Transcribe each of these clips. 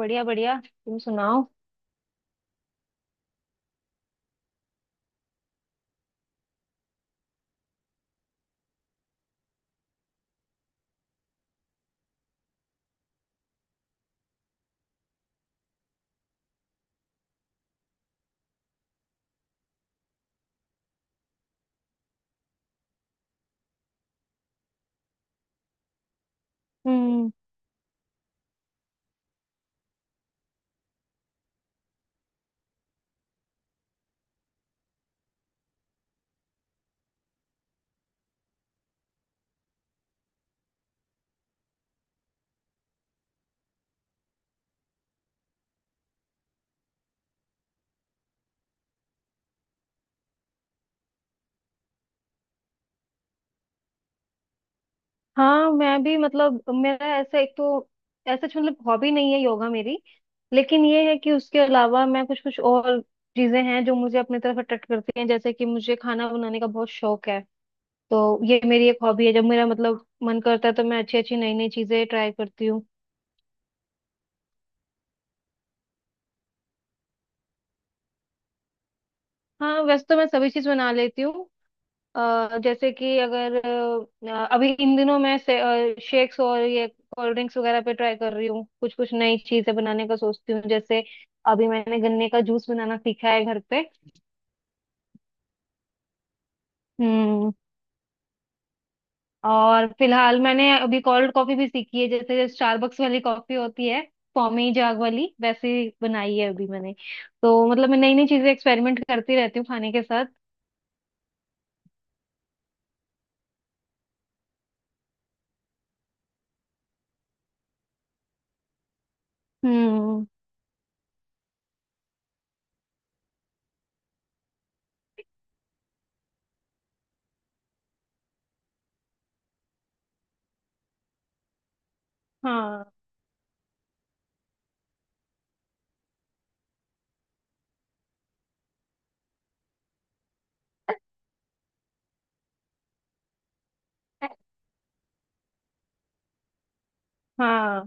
बढ़िया बढ़िया, तुम सुनाओ। हम्म। हाँ, मैं भी मतलब मेरा ऐसा एक तो ऐसा मतलब हॉबी नहीं है योगा मेरी। लेकिन ये है कि उसके अलावा मैं कुछ कुछ और चीजें हैं जो मुझे अपनी तरफ अट्रैक्ट करती हैं जैसे कि मुझे खाना बनाने का बहुत शौक है। तो ये मेरी एक हॉबी है। जब मेरा मतलब मन करता है तो मैं अच्छी अच्छी नई नई चीजें ट्राई करती हूँ। हाँ, वैसे तो मैं सभी चीज बना लेती हूँ। जैसे कि अगर अभी इन दिनों मैं शेक्स और ये कोल्ड ड्रिंक्स वगैरह पे ट्राई कर रही हूँ। कुछ कुछ नई चीजें बनाने का सोचती हूँ। जैसे अभी मैंने गन्ने का जूस बनाना सीखा है घर पे। हम्म। और फिलहाल मैंने अभी कोल्ड कॉफी भी सीखी है, जैसे स्टारबक्स वाली कॉफी होती है, पौमी जाग वाली, वैसे बनाई है अभी मैंने। तो मतलब मैं नई नई चीजें एक्सपेरिमेंट करती रहती हूँ खाने के साथ। हम्म। हाँ हाँ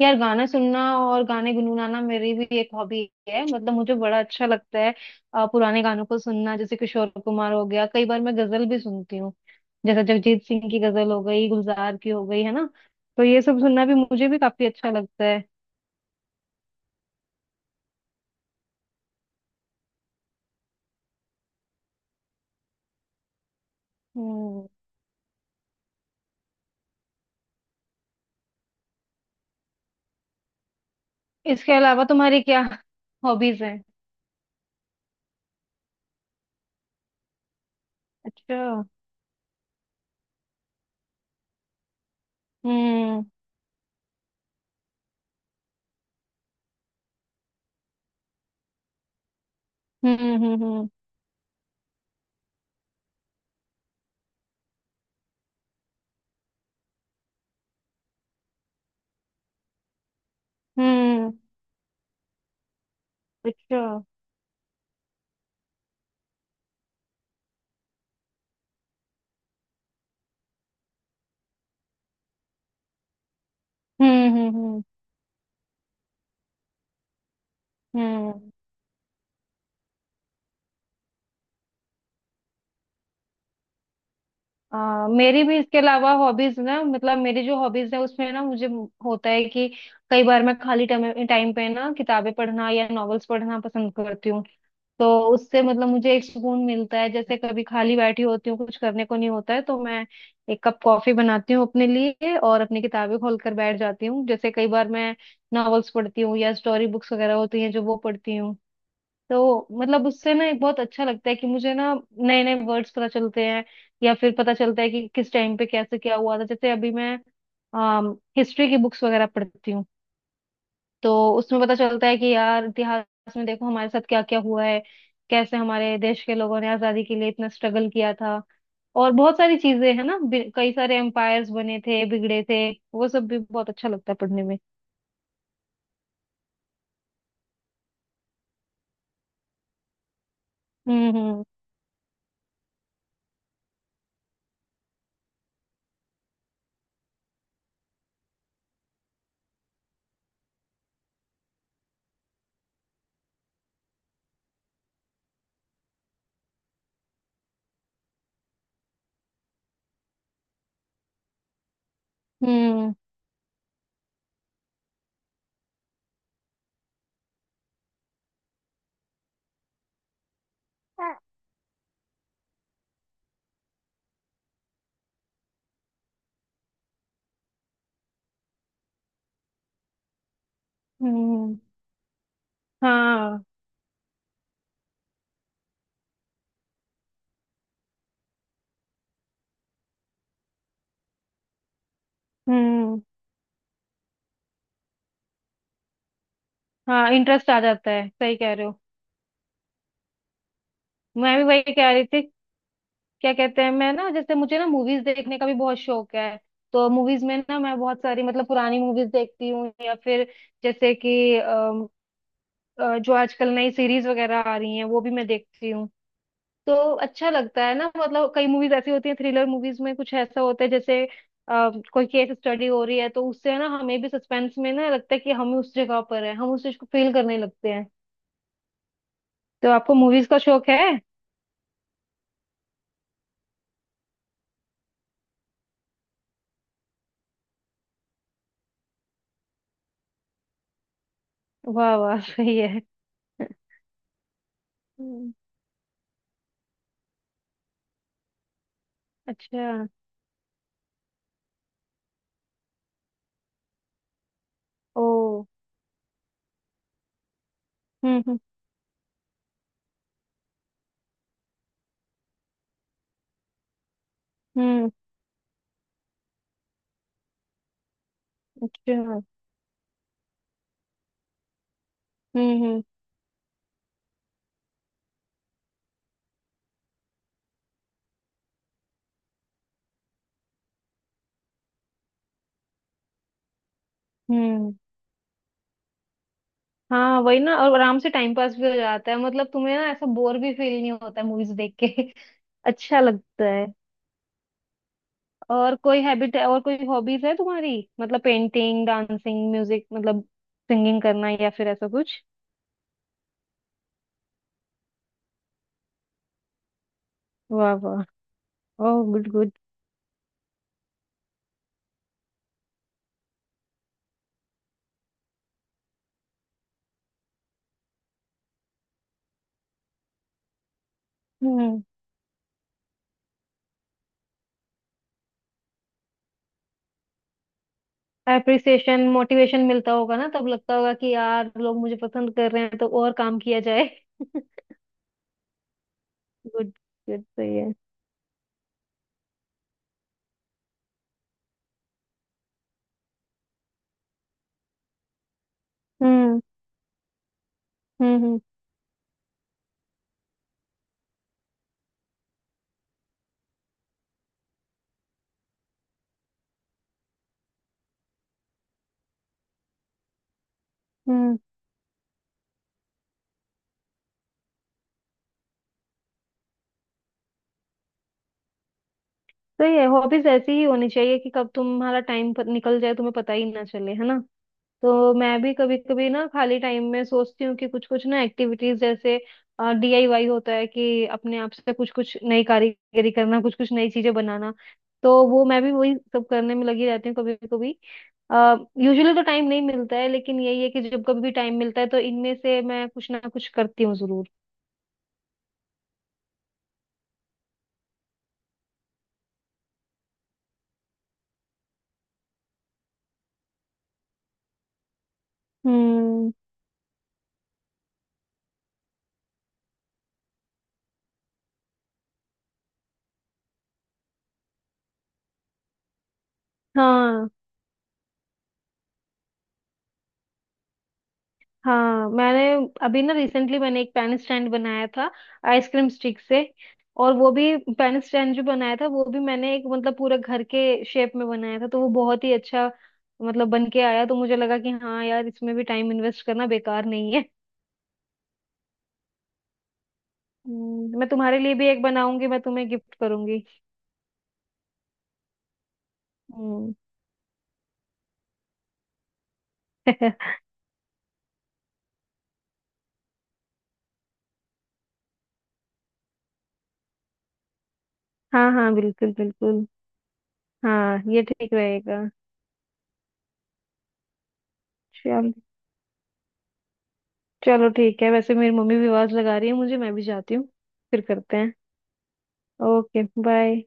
यार, गाना सुनना और गाने गुनगुनाना मेरी भी एक हॉबी है। मतलब मुझे बड़ा अच्छा लगता है पुराने गानों को सुनना, जैसे किशोर कुमार हो गया। कई बार मैं गजल भी सुनती हूँ, जैसे जगजीत सिंह की गजल हो गई, गुलजार की हो गई, है ना। तो ये सब सुनना भी मुझे भी काफी अच्छा लगता है। हम्म। इसके अलावा तुम्हारी क्या हॉबीज हैं? अच्छा। हम्म हम्म हम्म हम्म हम्म, अच्छा। हम्म हम्म हम्म हम्म मेरी भी इसके अलावा हॉबीज ना, मतलब मेरी जो हॉबीज है उसमें ना मुझे होता है कि कई बार मैं खाली टाइम टाइम पे ना किताबें पढ़ना या नॉवेल्स पढ़ना पसंद करती हूँ। तो उससे मतलब मुझे एक सुकून मिलता है। जैसे कभी खाली बैठी होती हूँ, कुछ करने को नहीं होता है, तो मैं एक कप कॉफी बनाती हूँ अपने लिए और अपनी किताबें खोल कर बैठ जाती हूँ। जैसे कई बार मैं नॉवेल्स पढ़ती हूँ या स्टोरी बुक्स वगैरह होती हैं जो, वो पढ़ती हूँ। तो मतलब उससे ना एक बहुत अच्छा लगता है कि मुझे ना नए नए वर्ड्स पता चलते हैं, या फिर पता चलता है कि किस टाइम पे कैसे क्या हुआ था। जैसे अभी मैं हिस्ट्री की बुक्स वगैरह पढ़ती हूँ, तो उसमें पता चलता है कि यार इतिहास में देखो हमारे साथ क्या क्या हुआ है, कैसे हमारे देश के लोगों ने आजादी के लिए इतना स्ट्रगल किया था। और बहुत सारी चीजें है ना, कई सारे एम्पायर्स बने थे बिगड़े थे, वो सब भी बहुत अच्छा लगता है पढ़ने में। हम्म हम्म हम्म हम्म हम्म, हाँ। हम्म। हाँ, इंटरेस्ट आ जाता है, सही कह रहे हो। मैं भी वही कह रही थी। क्या कहते हैं, मैं ना जैसे मुझे ना मूवीज देखने का भी बहुत शौक है। तो मूवीज में ना मैं बहुत सारी मतलब पुरानी मूवीज देखती हूँ, या फिर जैसे कि जो आजकल नई सीरीज वगैरह आ रही हैं वो भी मैं देखती हूँ। तो अच्छा लगता है ना। मतलब कई मूवीज ऐसी होती हैं, थ्रिलर मूवीज में कुछ ऐसा होता है जैसे कोई केस स्टडी हो रही है, तो उससे ना हमें भी सस्पेंस में ना लगता है कि हम उस जगह पर है, हम उस चीज को फील करने लगते हैं। तो आपको मूवीज का शौक है? वाह वाह, सही है। हम्म। अच्छा। ओ। हम्म हम्म हम्म, अच्छा। हम्म हम्म हम्म हाँ वही ना, और आराम से टाइम पास भी हो जाता है। मतलब तुम्हें ना ऐसा बोर भी फील नहीं होता है मूवीज देख के। अच्छा लगता है। और कोई हैबिट है, और कोई हॉबीज है तुम्हारी? मतलब पेंटिंग, डांसिंग, म्यूजिक, मतलब सिंगिंग करना या फिर ऐसा कुछ? वाह वाह। Oh good good. Hmm. Appreciation, motivation मिलता होगा ना, तब लगता होगा कि यार लोग मुझे पसंद कर रहे हैं, तो और काम किया जाए। गुड। गुड, सही है। हम्म हम्म हम्म हम्म सही है, हॉबीज ऐसी ही होनी चाहिए कि कब तुम्हारा टाइम निकल जाए तुम्हें पता ही ना चले, है ना। तो मैं भी कभी कभी ना खाली टाइम में सोचती हूँ कि कुछ कुछ ना एक्टिविटीज, जैसे डीआईवाई होता है कि अपने आप से कुछ कुछ नई कारीगरी करना, कुछ कुछ नई चीजें बनाना। तो वो मैं भी वही सब करने में लगी रहती हूँ कभी कभी। यूजुअली तो टाइम नहीं मिलता है, लेकिन यही है कि जब कभी भी टाइम मिलता है तो इनमें से मैं कुछ ना कुछ करती हूँ जरूर। हम्म। हाँ हाँ मैंने अभी ना रिसेंटली मैंने एक पेन स्टैंड बनाया था, आइसक्रीम स्टिक से। और वो भी पेन स्टैंड जो बनाया था वो भी मैंने एक मतलब पूरा घर के शेप में बनाया था। तो वो बहुत ही अच्छा मतलब बन के आया, तो मुझे लगा कि हाँ यार इसमें भी टाइम इन्वेस्ट करना बेकार नहीं है। मैं तुम्हारे लिए भी एक बनाऊंगी, मैं तुम्हें गिफ्ट करूंगी। हम्म। हाँ हाँ बिल्कुल बिल्कुल। हाँ ये ठीक रहेगा। चल चलो ठीक है, वैसे मेरी मम्मी भी आवाज लगा रही है मुझे, मैं भी जाती हूँ। फिर करते हैं। Okay bye.